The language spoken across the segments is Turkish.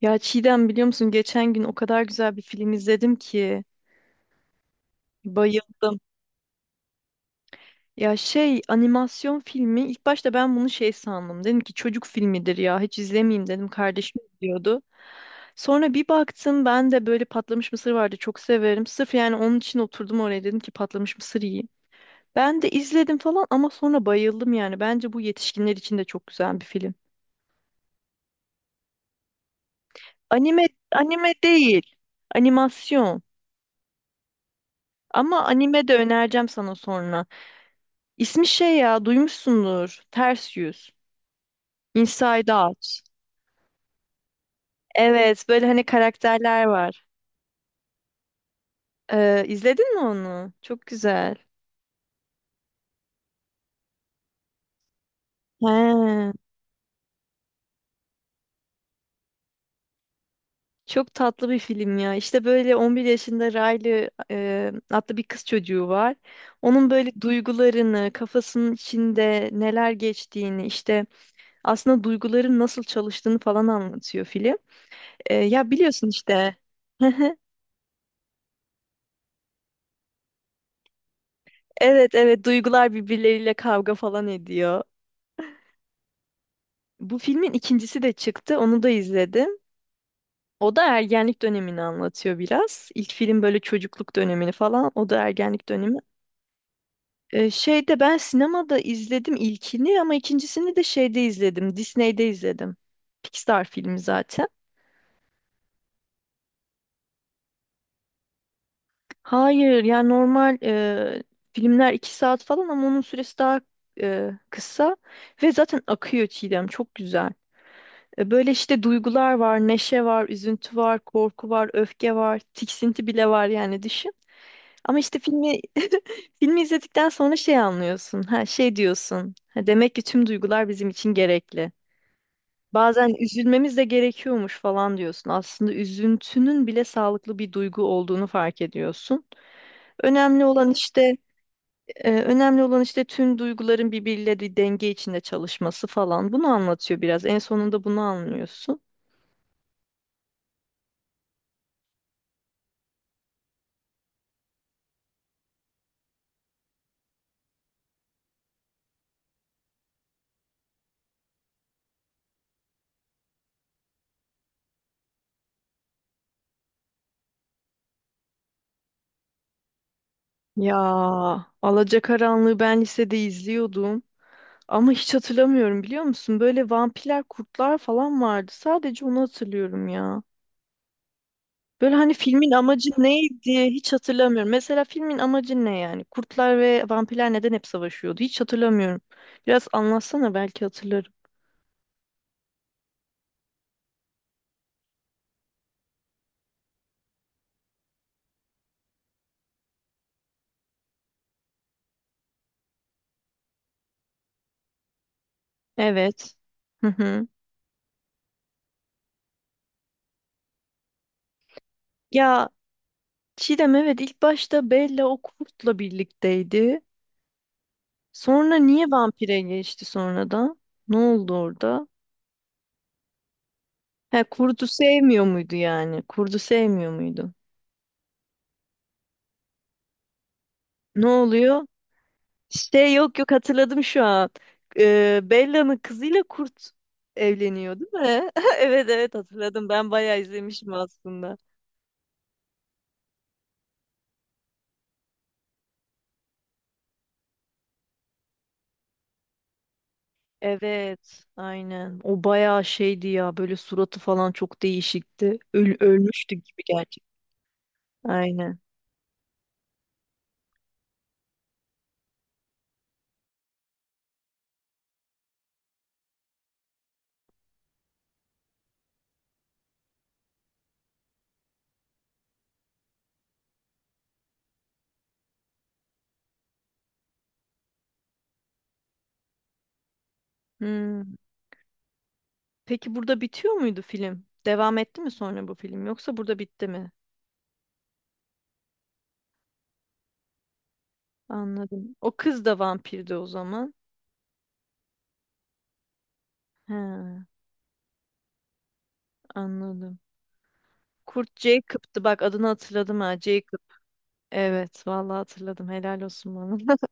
Ya Çiğdem, biliyor musun, geçen gün o kadar güzel bir film izledim ki bayıldım. Ya şey, animasyon filmi, ilk başta ben bunu şey sandım. Dedim ki çocuk filmidir ya, hiç izlemeyeyim dedim, kardeşim izliyordu. Sonra bir baktım, ben de böyle patlamış mısır vardı, çok severim. Sırf yani onun için oturdum oraya, dedim ki patlamış mısır yiyeyim. Ben de izledim falan, ama sonra bayıldım yani. Bence bu yetişkinler için de çok güzel bir film. Anime. Anime değil. Animasyon. Ama anime de önereceğim sana sonra. İsmi şey, ya duymuşsundur. Ters Yüz. Inside Out. Evet, böyle hani karakterler var. İzledin mi onu? Çok güzel. He, çok tatlı bir film ya. İşte böyle 11 yaşında Riley adlı bir kız çocuğu var. Onun böyle duygularını, kafasının içinde neler geçtiğini, işte aslında duyguların nasıl çalıştığını falan anlatıyor film. Ya, biliyorsun işte. Evet, evet, duygular birbirleriyle kavga falan ediyor. Bu filmin ikincisi de çıktı. Onu da izledim. O da ergenlik dönemini anlatıyor biraz. İlk film böyle çocukluk dönemini falan. O da ergenlik dönemi. Şeyde ben sinemada izledim ilkini, ama ikincisini de şeyde izledim. Disney'de izledim. Pixar filmi zaten. Hayır yani normal filmler 2 saat falan, ama onun süresi daha kısa. Ve zaten akıyor, Çiğdem. Çok güzel. Böyle işte duygular var, neşe var, üzüntü var, korku var, öfke var, tiksinti bile var, yani düşün. Ama işte filmi filmi izledikten sonra şey anlıyorsun. Ha, şey diyorsun. Ha, demek ki tüm duygular bizim için gerekli. Bazen üzülmemiz de gerekiyormuş falan diyorsun. Aslında üzüntünün bile sağlıklı bir duygu olduğunu fark ediyorsun. Önemli olan işte önemli olan işte tüm duyguların birbiriyle bir denge içinde çalışması falan. Bunu anlatıyor biraz. En sonunda bunu anlıyorsun. Ya, Alacakaranlığı ben lisede izliyordum. Ama hiç hatırlamıyorum, biliyor musun? Böyle vampirler, kurtlar falan vardı. Sadece onu hatırlıyorum ya. Böyle hani filmin amacı neydi, hiç hatırlamıyorum. Mesela filmin amacı ne yani? Kurtlar ve vampirler neden hep savaşıyordu? Hiç hatırlamıyorum. Biraz anlatsana, belki hatırlarım. Evet. Hı hı. Ya Çiğdem, evet, ilk başta Bella o kurtla birlikteydi. Sonra niye vampire geçti sonradan? Ne oldu orada? He, kurdu sevmiyor muydu yani? Kurdu sevmiyor muydu? Ne oluyor? Şey, yok, yok, hatırladım şu an. Bella'nın kızıyla kurt evleniyor değil mi? Evet, evet, hatırladım. Ben bayağı izlemişim aslında. Evet, aynen. O bayağı şeydi ya, böyle suratı falan çok değişikti. Ölmüştü gibi, gerçekten. Aynen. Hmm. Peki burada bitiyor muydu film? Devam etti mi sonra bu film, yoksa burada bitti mi? Anladım. O kız da vampirdi o zaman. Ha, anladım. Kurt Jacob'tu, bak adını hatırladım, ha Jacob. Evet, vallahi hatırladım, helal olsun bana.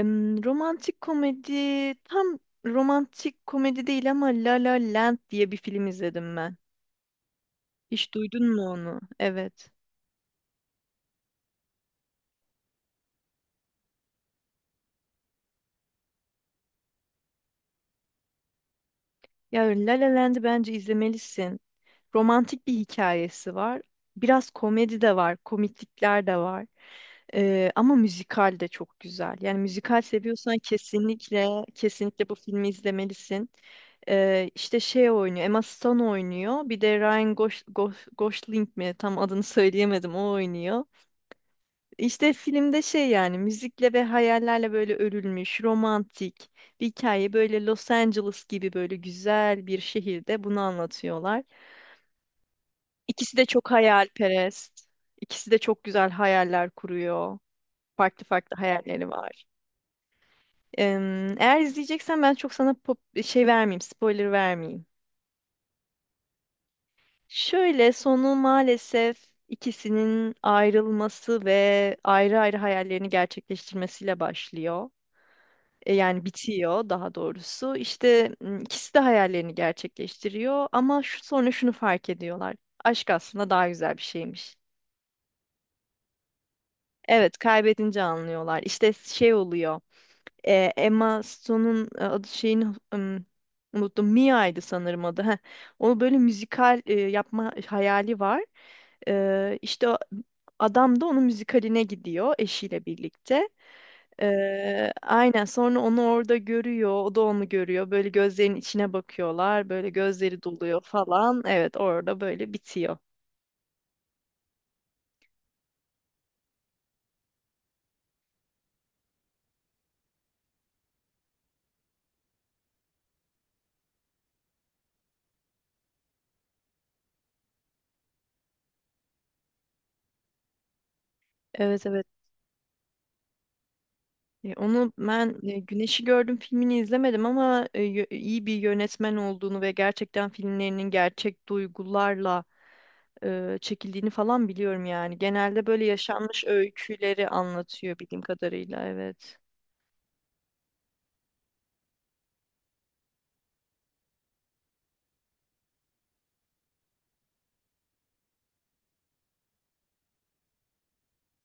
Romantik komedi, tam romantik komedi değil, ama La La Land diye bir film izledim ben. Hiç duydun mu onu? Evet. Ya, La La Land'i bence izlemelisin. Romantik bir hikayesi var. Biraz komedi de var, komiklikler de var. Ama müzikal de çok güzel. Yani müzikal seviyorsan kesinlikle, kesinlikle bu filmi izlemelisin. İşte şey oynuyor, Emma Stone oynuyor. Bir de Ryan Gosling mi? Tam adını söyleyemedim. O oynuyor. İşte filmde şey, yani müzikle ve hayallerle böyle örülmüş, romantik bir hikaye. Böyle Los Angeles gibi böyle güzel bir şehirde bunu anlatıyorlar. İkisi de çok hayalperest. İkisi de çok güzel hayaller kuruyor. Farklı farklı hayalleri var. Eğer izleyeceksen ben çok sana spoiler vermeyeyim. Şöyle sonu maalesef ikisinin ayrılması ve ayrı ayrı hayallerini gerçekleştirmesiyle başlıyor. Yani bitiyor daha doğrusu. İşte ikisi de hayallerini gerçekleştiriyor, ama sonra şunu fark ediyorlar. Aşk aslında daha güzel bir şeymiş. Evet, kaybedince anlıyorlar. İşte şey oluyor. Emma Stone'un adı şeyini ım, unuttum. Mia'ydı sanırım adı. Heh. Onu böyle müzikal yapma hayali var. İşte adam da onun müzikaline gidiyor eşiyle birlikte. Aynen sonra onu orada görüyor. O da onu görüyor. Böyle gözlerin içine bakıyorlar. Böyle gözleri doluyor falan. Evet, orada böyle bitiyor. Evet, evet. Onu ben Güneşi Gördüm filmini izlemedim, ama iyi bir yönetmen olduğunu ve gerçekten filmlerinin gerçek duygularla çekildiğini falan biliyorum yani. Genelde böyle yaşanmış öyküleri anlatıyor bildiğim kadarıyla, evet.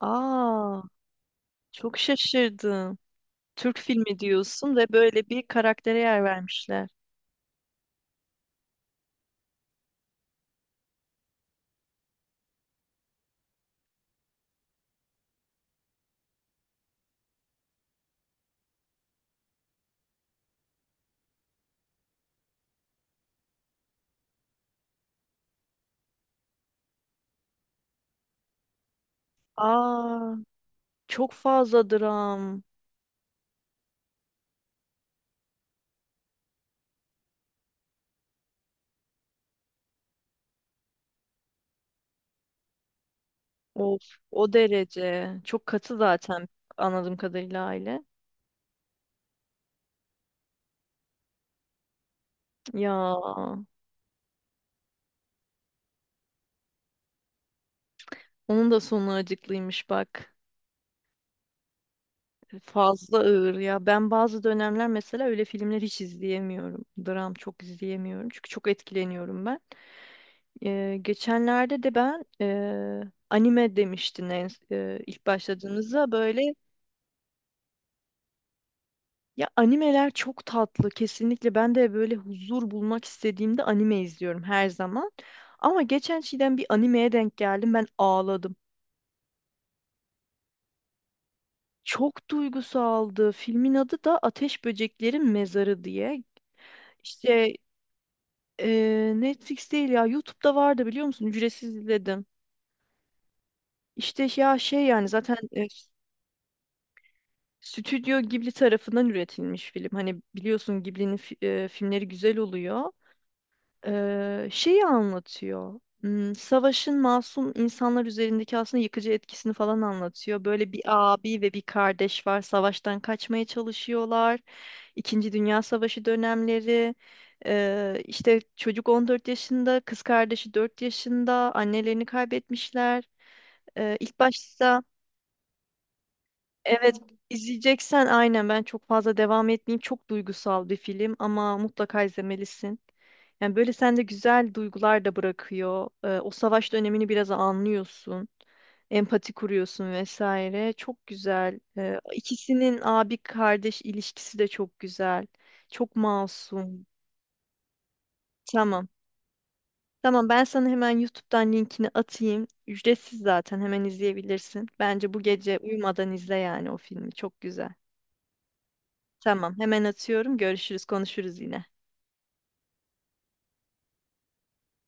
Aa, çok şaşırdım. Türk filmi diyorsun ve böyle bir karaktere yer vermişler. Aa, çok fazla dram. Of, o derece. Çok katı zaten, anladığım kadarıyla aile. Ya. Onun da sonu acıklıymış bak. Fazla ağır ya. Ben bazı dönemler mesela öyle filmler hiç izleyemiyorum. Dram çok izleyemiyorum. Çünkü çok etkileniyorum ben. Geçenlerde de ben anime demiştin ilk başladığımızda böyle, ya, animeler çok tatlı kesinlikle. Ben de böyle huzur bulmak istediğimde anime izliyorum her zaman. Ama geçen şeyden bir animeye denk geldim. Ben ağladım. Çok duygusaldı. Filmin adı da Ateş Böceklerin Mezarı diye. İşte Netflix değil ya, YouTube'da vardı, biliyor musun? Ücretsiz izledim. İşte ya şey, yani zaten Stüdyo Ghibli tarafından üretilmiş film. Hani biliyorsun, Ghibli'nin filmleri güzel oluyor. Şeyi anlatıyor. Savaşın masum insanlar üzerindeki aslında yıkıcı etkisini falan anlatıyor. Böyle bir abi ve bir kardeş var. Savaştan kaçmaya çalışıyorlar. İkinci Dünya Savaşı dönemleri. İşte çocuk 14 yaşında, kız kardeşi 4 yaşında. Annelerini kaybetmişler. İlk başta Evet, izleyeceksen aynen, ben çok fazla devam etmeyeyim. Çok duygusal bir film, ama mutlaka izlemelisin. Yani böyle sende güzel duygular da bırakıyor. O savaş dönemini biraz anlıyorsun. Empati kuruyorsun vesaire. Çok güzel. İkisinin abi kardeş ilişkisi de çok güzel. Çok masum. Tamam. Tamam, ben sana hemen YouTube'dan linkini atayım. Ücretsiz zaten hemen izleyebilirsin. Bence bu gece uyumadan izle yani o filmi. Çok güzel. Tamam, hemen atıyorum. Görüşürüz, konuşuruz yine.